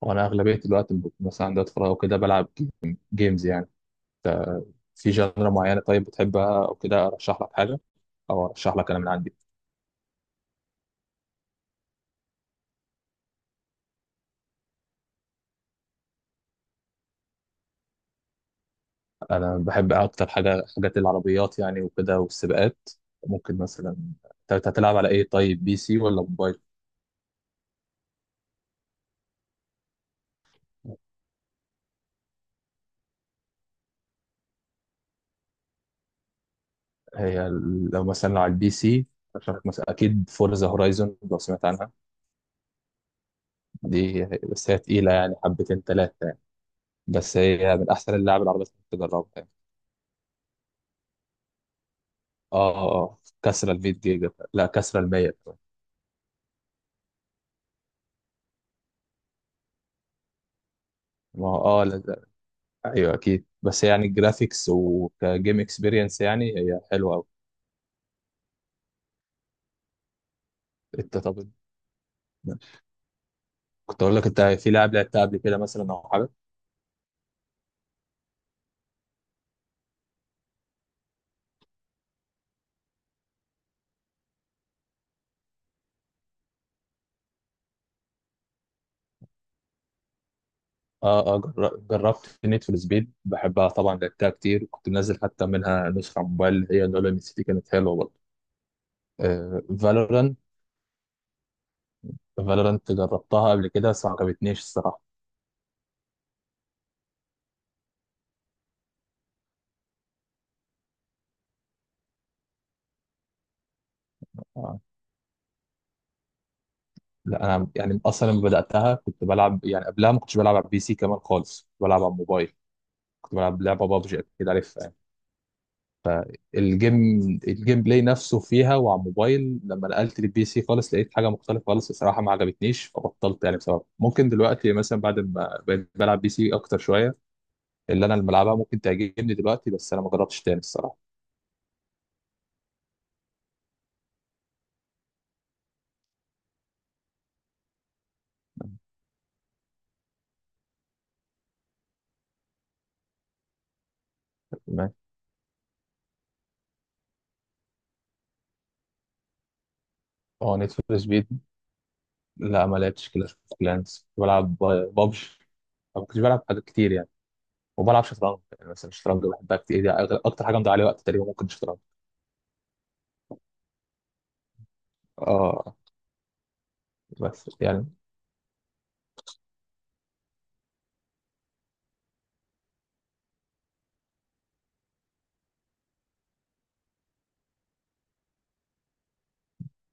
وانا اغلبيه الوقت مثلا عندي وقت فراغ وكده بلعب جيمز يعني ف- في جانرا معينه طيب بتحبها او كده ارشح لك حاجه او ارشح لك انا من عندي. أنا بحب اكتر حاجه حاجات العربيات يعني وكده والسباقات ممكن مثلا. انت هتلعب على ايه طيب، بي سي ولا موبايل؟ لو مثلا لو على البي سي ارشح لك مثلا اكيد فورزا هورايزون لو سمعت عنها. دي بس هي تقيله يعني حبتين ثلاثه يعني، بس هي من احسن اللعب العربيات اللي تجربها يعني. اه اه كسرة ال 100 جيجا، لا كسرة ال 100 كمان. ما هو اه، لا لا. ايوه اكيد بس يعني الجرافيكس وكجيم اكسبيرينس يعني هي حلوه قوي. انت طب كنت اقول لك، انت في لعب لعبتها قبل كده مثلا او حاجه؟ اه اه جربت نيد فور سبيد، بحبها طبعا لعبتها كتير، كنت منزل حتى منها نسخه على الموبايل اللي هي نولان ام سي، كانت حلوه برضه. آه فالورانت، فالورانت جربتها قبل كده بس ما عجبتنيش الصراحه. آه، لا انا يعني اصلا لما بداتها كنت بلعب، يعني قبلها ما كنتش بلعب على البي سي كمان خالص، كنت بلعب على الموبايل. كنت بلعب لعبه بابجي اكيد عارفها يعني. فالجيم، الجيم بلاي نفسه فيها وعلى الموبايل، لما نقلت للبي سي خالص لقيت حاجه مختلفه خالص الصراحه ما عجبتنيش فبطلت يعني بسبب. ممكن دلوقتي مثلا بعد ما بقيت بلعب بي سي اكتر شويه اللي انا اللي بلعبها ممكن تعجبني دلوقتي، بس انا ما جربتش تاني الصراحه. تمام. اه نيد فور سبيد. لا ما لعبتش كلاش اوف كلانس، بلعب بابجي. ما كنتش بلعب حاجات كتير يعني، وبلعب شطرنج يعني. مثلا الشطرنج بحبها كتير دي، اكتر حاجه مضيع عليها وقت تقريبا ممكن الشطرنج. اه بس يعني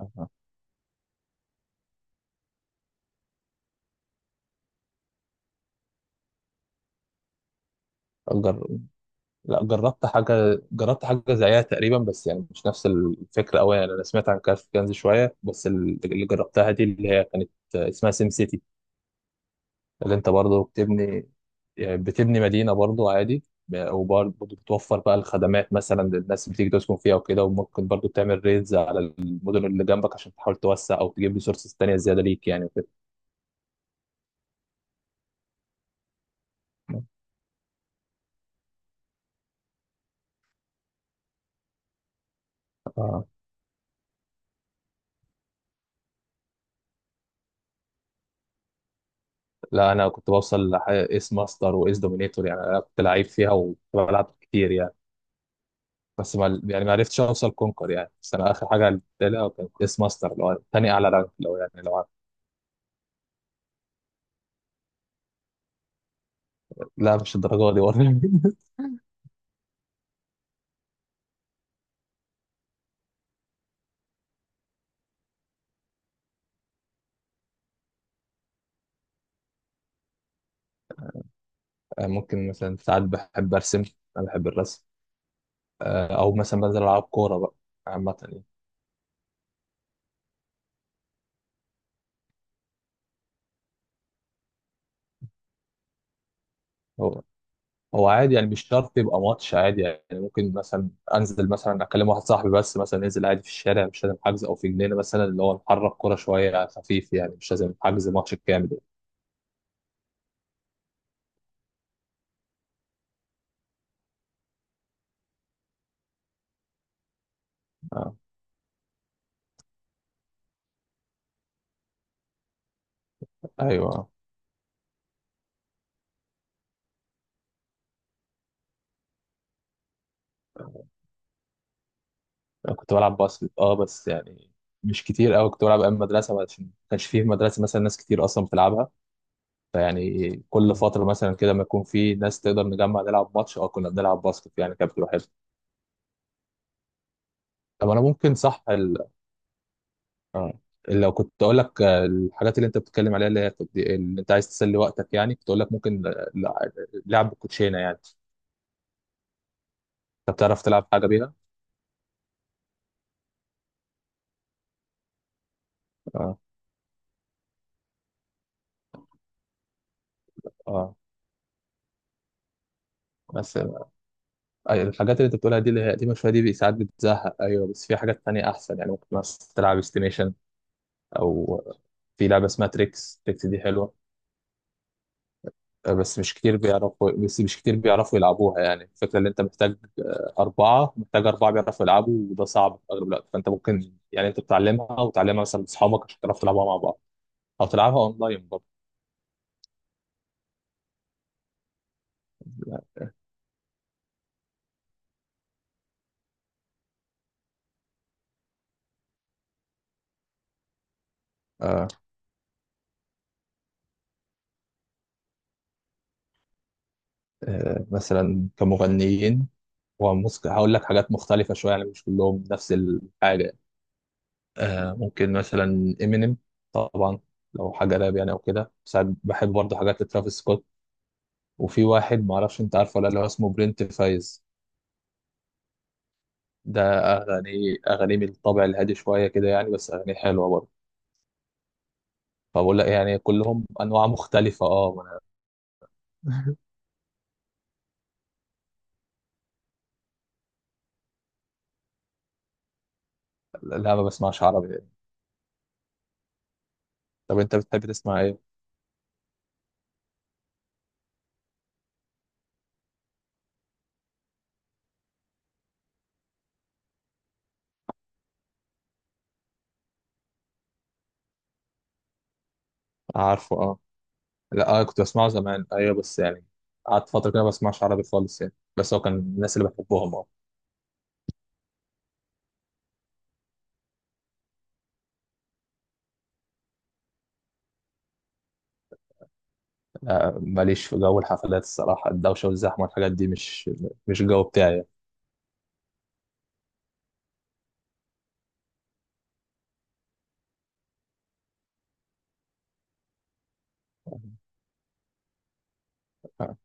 آه. جر... لا جربت حاجه، زيها تقريبا بس يعني مش نفس الفكره قوي يعني. انا سمعت عن كاش كنز شويه، بس اللي جربتها دي اللي هي كانت اسمها سيم سيتي، اللي انت برضه بتبني. يعني بتبني مدينه برضه عادي، وبرضه بتوفر بقى الخدمات مثلا للناس اللي بتيجي تسكن فيها وكده، وممكن برضه تعمل ريدز على المدن اللي جنبك عشان تحاول توسع او تجيب ريسورسز تانية زياده ليك يعني وكده. آه. لا انا كنت بوصل ايس ماستر وايس دومينيتور، يعني انا كنت لعيب فيها وكنت بلعب كتير يعني. بس ما يعني ما عرفتش اوصل كونكر يعني، بس انا اخر حاجه لعبتها لها كانت ايس ماستر اللي هو تاني اعلى رانك لو يعني لو عارف. لا مش الدرجه دي برضه ممكن مثلا ساعات بحب ارسم، انا بحب الرسم. آه، او مثلا بنزل العب كوره بقى، عامه يعني. هو عادي يعني مش شرط يبقى ماتش عادي يعني. ممكن مثلا انزل مثلا اكلم واحد صاحبي بس مثلا ننزل عادي في الشارع، مش لازم حجز، او في جنينه مثلا اللي هو نحرك كوره شويه على خفيف، يعني مش لازم حجز ماتش كامل. آه. ايوه انا كنت بلعب باسكت، اه بس يعني مش كتير قوي. كنت بلعب ايام مدرسه، عشان ما كانش فيه في مدرسه مثلا ناس كتير اصلا بتلعبها. فيعني كل فتره مثلا كده ما يكون في ناس تقدر نجمع نلعب ماتش، اه كنا بنلعب باسكت يعني، كانت بتبقى حلوه. طب انا ممكن صح، اه لو كنت اقول لك الحاجات اللي انت بتتكلم عليها اللي هي اللي انت عايز تسلي وقتك يعني، كنت اقول لك ممكن لعب الكوتشينه يعني. انت بتعرف تلعب حاجه بيها؟ اه اه. بس الحاجات اللي انت بتقولها دي اللي هي قديمه شويه دي ساعات بتزهق، ايوه بس في حاجات تانية احسن يعني. ممكن مثلا تلعب استيميشن، او في لعبه اسمها تريكس، تريكس دي حلوه. آه، بس مش كتير بيعرفوا، يلعبوها يعني. الفكرة اللي انت محتاج آه، أربعة محتاج أربعة بيعرفوا يلعبوا، وده صعب في أغلب الوقت، فأنت ممكن يعني أنت بتعلمها وتعلمها مثلا لأصحابك عشان تعرفوا تلعبوها مع بعض، أو تلعبها أونلاين برضه. آه. آه. مثلا كمغنيين وموسيقى هقول لك حاجات مختلفة شوية يعني مش كلهم نفس الحاجة. آه. ممكن مثلا إمينيم طبعا لو حاجة راب يعني، أو كده ساعات بحب برضه حاجات لترافيس سكوت. وفي واحد معرفش أنت عارفه ولا لا اللي هو اسمه برنت فايز، ده أغاني، من الطابع الهادي شوية كده يعني، بس أغاني حلوة برضه. فبقول لك يعني كلهم أنواع مختلفة، أه ما أنا لا ما بسمعش عربي يعني. طب أنت بتحب تسمع إيه؟ عارفه أه. لا أه كنت بسمعه زمان أيوه بس يعني قعدت فترة كده ما بسمعش عربي خالص يعني، بس هو كان الناس اللي بحبهم أه. ماليش في جو الحفلات الصراحة، الدوشة والزحمة والحاجات دي مش، مش الجو بتاعي يعني. آه.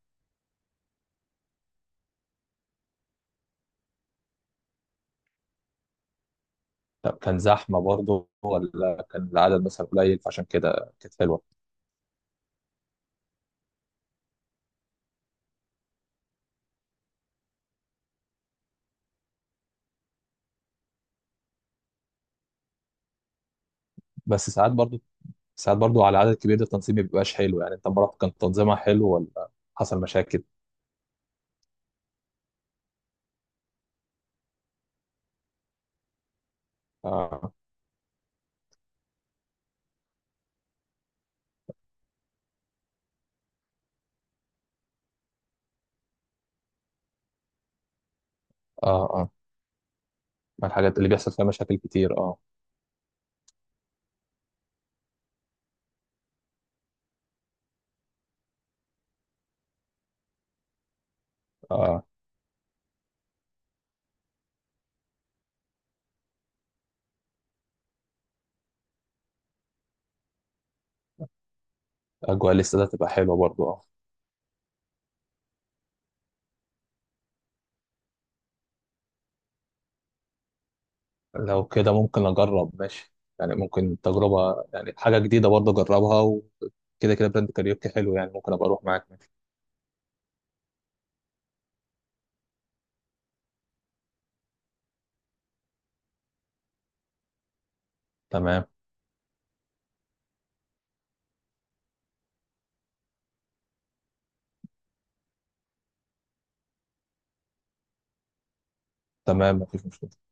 طب كان زحمة برضه ولا كان العدد مثلا قليل فعشان كده كانت حلوة؟ بس ساعات برضه، ساعات برضو على عدد كبير ده التنظيم ما بيبقاش حلو يعني. انت مرات كان تنظيمها حلو ولا حصل مشاكل؟ اه اه اه. من الحاجات اللي بيحصل فيها مشاكل كتير اه. اه اجواء الاستاد تبقى حلوه برضو اه. لو كده ممكن اجرب ماشي، يعني ممكن تجربه يعني حاجه جديده برضو اجربها وكده، كده براند كاريوكي حلو يعني، ممكن ابقى اروح معاك ماشي. تمام، تمام مفيش مشكله.